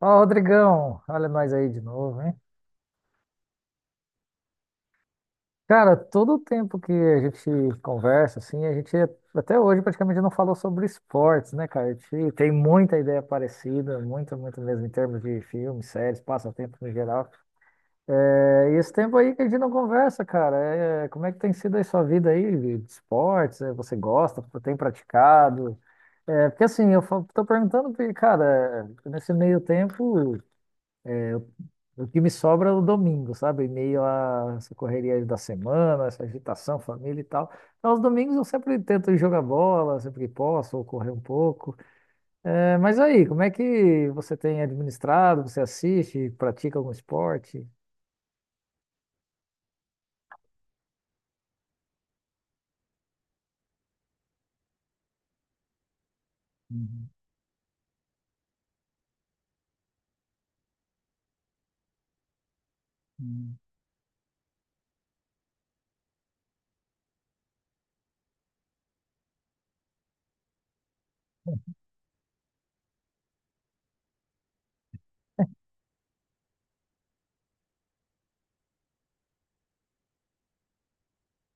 Ó, Rodrigão, olha nós aí de novo, hein? Cara, todo o tempo que a gente conversa, assim, a gente até hoje praticamente não falou sobre esportes, né, cara? A gente tem muita ideia parecida, muita, muito mesmo, em termos de filmes, séries, passatempo no geral. É, e esse tempo aí que a gente não conversa, cara, como é que tem sido aí sua vida aí de esportes? Você gosta? Tem praticado? Porque assim, eu tô perguntando porque, cara, nesse meio tempo. O que me sobra no domingo, sabe? Em meio a essa correria da semana, essa agitação, família e tal. Então, aos domingos eu sempre tento ir jogar bola, sempre que posso, ou correr um pouco. Mas aí, como é que você tem administrado? Você assiste, pratica algum esporte? Uhum, uhum.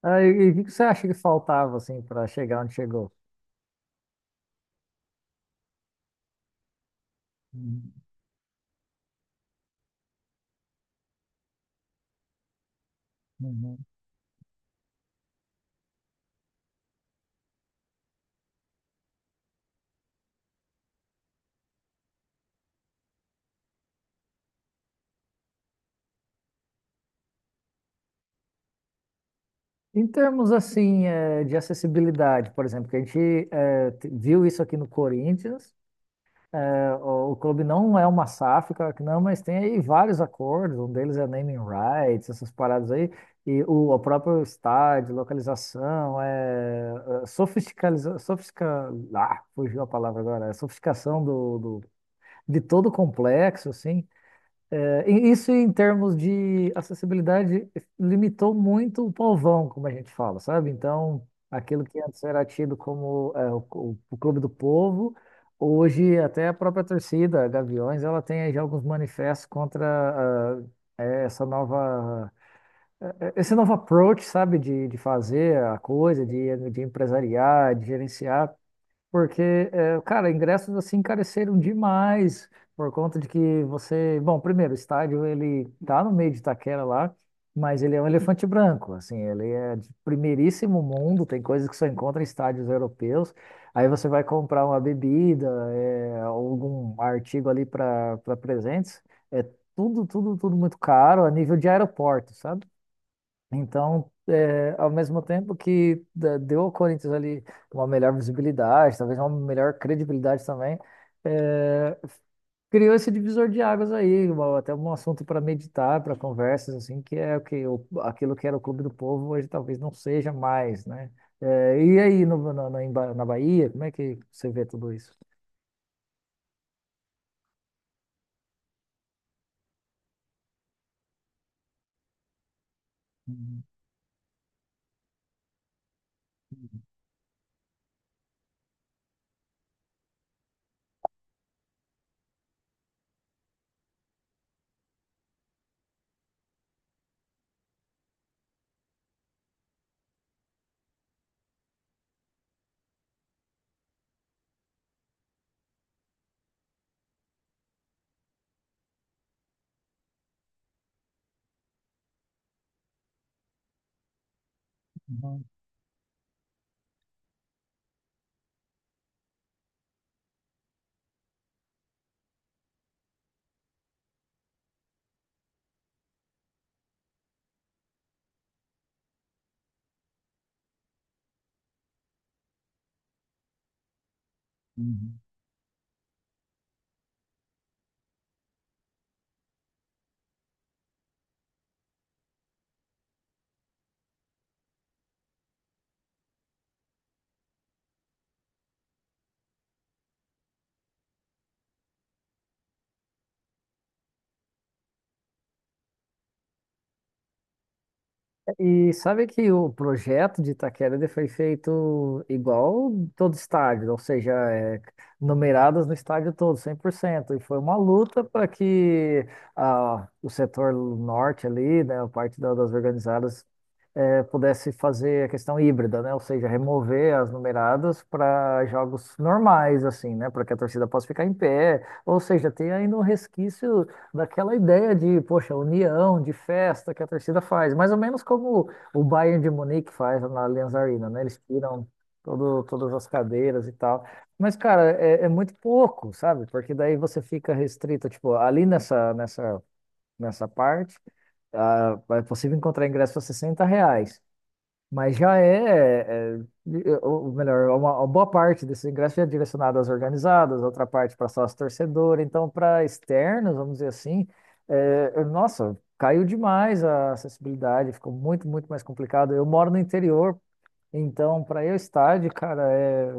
Ah, e o que você acha que faltava, assim, para chegar onde chegou? Uhum, uhum. Em termos assim, de acessibilidade, por exemplo, que a gente viu isso aqui no Corinthians. O clube não é uma SAF, claro que não, mas tem aí vários acordos, um deles é naming rights, essas paradas aí, e o próprio estádio, localização, é sofisticaliza, sofistica, fugiu a palavra agora. É sofisticação de todo o complexo, assim, e isso em termos de acessibilidade limitou muito o povão, como a gente fala, sabe? Então, aquilo que antes era tido como o clube do povo, hoje até a própria torcida, a Gaviões, ela tem aí já alguns manifestos contra ah, é, essa nova, esse novo approach, sabe? De fazer a coisa, de empresariar, de gerenciar. Porque, cara, ingressos assim encareceram demais por conta de que você, bom, primeiro, o estádio ele tá no meio de Itaquera lá, mas ele é um elefante branco, assim, ele é de primeiríssimo mundo, tem coisas que só encontra em estádios europeus. Aí você vai comprar uma bebida, algum artigo ali para presentes, é tudo, tudo, tudo muito caro a nível de aeroporto, sabe? Então, ao mesmo tempo que deu ao Corinthians ali uma melhor visibilidade, talvez uma melhor credibilidade também, é, criou esse divisor de águas aí, até um assunto para meditar, para conversas, assim, que é o que aquilo que era o Clube do Povo hoje talvez não seja mais, né? E aí, na Bahia, como é que você vê tudo isso? Uhum, uhum, uhum. E sabe que o projeto de Itaquera ele foi feito igual todo estádio, ou seja, numeradas no estádio todo, 100%. E foi uma luta para que o setor norte ali, né, a parte das organizadas, pudesse fazer a questão híbrida, né? Ou seja, remover as numeradas para jogos normais, assim, né? Para que a torcida possa ficar em pé. Ou seja, tem ainda um resquício daquela ideia de, poxa, união, de festa que a torcida faz, mais ou menos como o Bayern de Munique faz na Allianz Arena, né? Eles tiram todas as cadeiras e tal. Mas, cara, é muito pouco, sabe? Porque daí você fica restrito, tipo, ali nessa parte. Ah, é possível encontrar ingressos a R$ 60, mas já ou melhor, uma boa parte desses ingressos é direcionado às organizadas, outra parte para sócio torcedor, então para externos, vamos dizer assim, nossa, caiu demais a acessibilidade, ficou muito, muito mais complicado. Eu moro no interior, então para eu estádio, cara, é,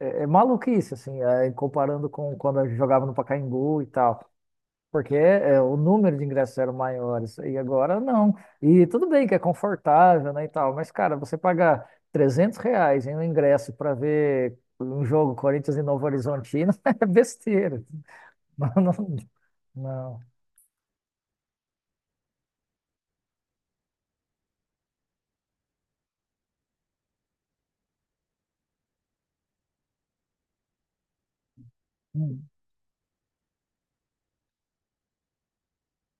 é, é maluquice, assim, comparando com quando eu jogava no Pacaembu e tal. Porque o número de ingressos eram maiores e agora não. E tudo bem que é confortável, né, e tal, mas, cara, você pagar R$ 300 em um ingresso para ver um jogo Corinthians e Novo Horizontino é besteira. Não, não, não. Hum.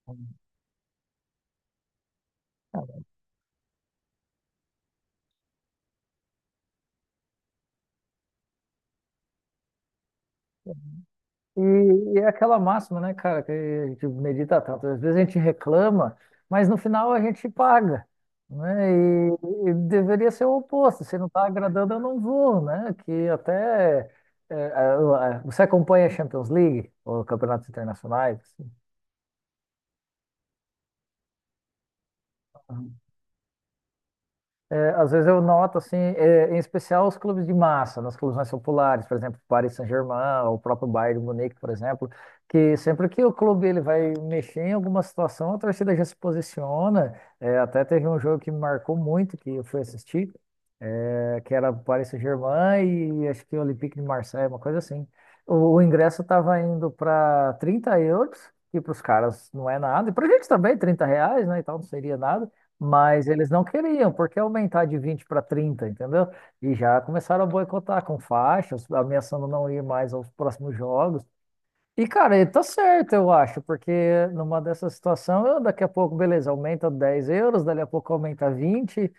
Hum. E, e é aquela máxima, né, cara, que a gente medita tanto. Às vezes a gente reclama, mas no final a gente paga, né? E deveria ser o oposto. Se não está agradando, eu não vou, né? Que até você acompanha a Champions League ou campeonatos internacionais, assim? É, às vezes eu noto, assim, em especial os clubes de massa, nos clubes mais populares, por exemplo, Paris Saint-Germain, o próprio Bayern de Munique, por exemplo, que sempre que o clube ele vai mexer em alguma situação, a torcida já se posiciona. É, até teve um jogo que me marcou muito, que eu fui assistir, que era Paris Saint-Germain e acho que o Olympique de Marseille, uma coisa assim. O ingresso estava indo para 30 euros, que para os caras não é nada, e para a gente também, 30 reais, né, e tal, não seria nada. Mas eles não queriam, porque aumentar de 20 para 30, entendeu? E já começaram a boicotar com faixas, ameaçando não ir mais aos próximos jogos. E, cara, ele tá certo, eu acho, porque numa dessa situação, eu, daqui a pouco, beleza, aumenta € 10, dali a pouco aumenta 20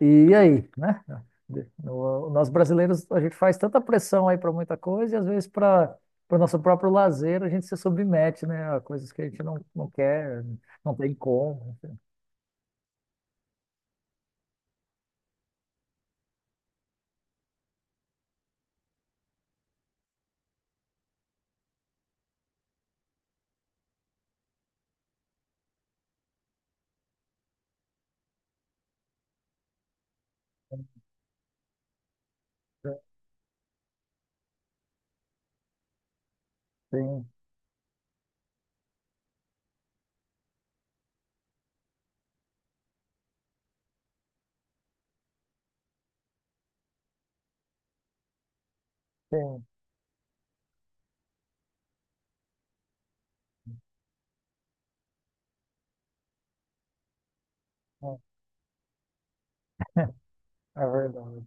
e aí, né? Nós brasileiros, a gente faz tanta pressão aí para muita coisa, e às vezes para o nosso próprio lazer, a gente se submete, né, a coisas que a gente não quer, não tem como. Sim, sim. É verdade.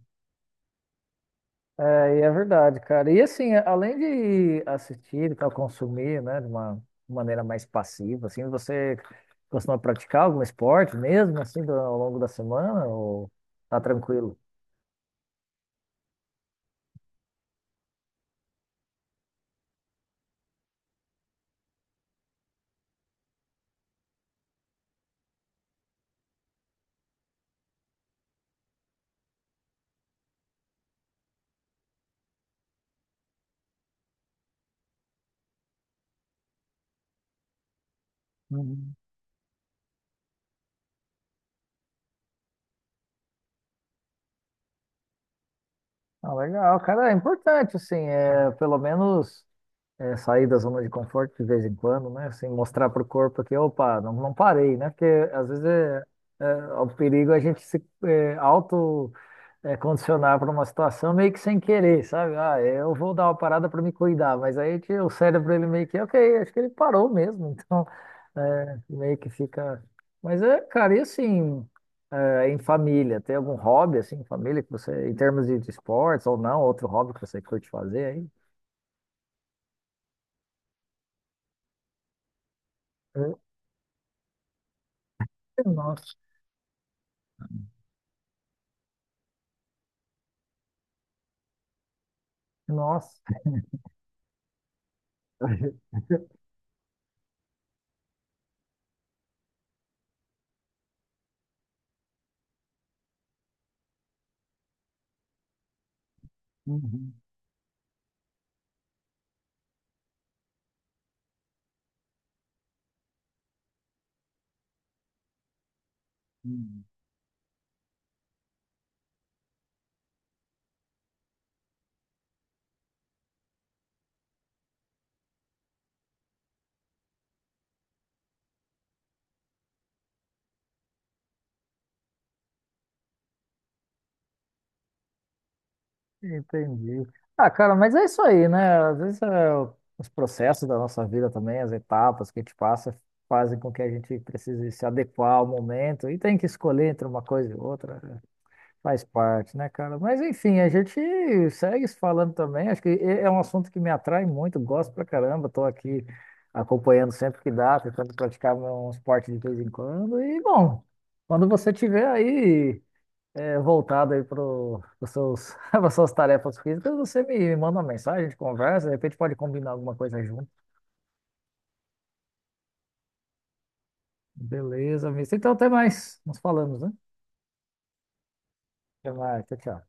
E é verdade, cara. E assim, além de assistir e tal, consumir, né, de uma maneira mais passiva, assim, você costuma praticar algum esporte mesmo, assim, ao longo da semana, ou tá tranquilo? Uhum. Ah, legal, cara, é importante, assim, pelo menos. É, sair da zona de conforto de vez em quando, né? Assim, mostrar para o corpo que, opa, não, não parei, né? Porque às vezes é o perigo é a gente se auto condicionar para uma situação meio que sem querer, sabe? Ah, eu vou dar uma parada para me cuidar, mas aí que o cérebro ele meio que, ok, acho que ele parou mesmo, então meio que fica. Mas cara, e assim, em família, tem algum hobby assim, em família que você, em termos de esportes ou não, outro hobby que você curte fazer aí? Hum. Nossa. Nossa. Uhum, uhum. Entendi. Ah, cara, mas é isso aí, né? Às vezes os processos da nossa vida também, as etapas que a gente passa, fazem com que a gente precise se adequar ao momento e tem que escolher entre uma coisa e outra, né? Faz parte, né, cara? Mas enfim, a gente segue se falando também. Acho que é um assunto que me atrai muito, gosto pra caramba. Tô aqui acompanhando sempre que dá, tentando praticar um esporte de vez em quando. E, bom, quando você tiver aí, voltado aí para os seus, para suas tarefas físicas, você me manda uma mensagem, a gente conversa, de repente pode combinar alguma coisa junto. Beleza, mister. Então até mais. Nos falamos, né? Até mais. Tchau, tchau.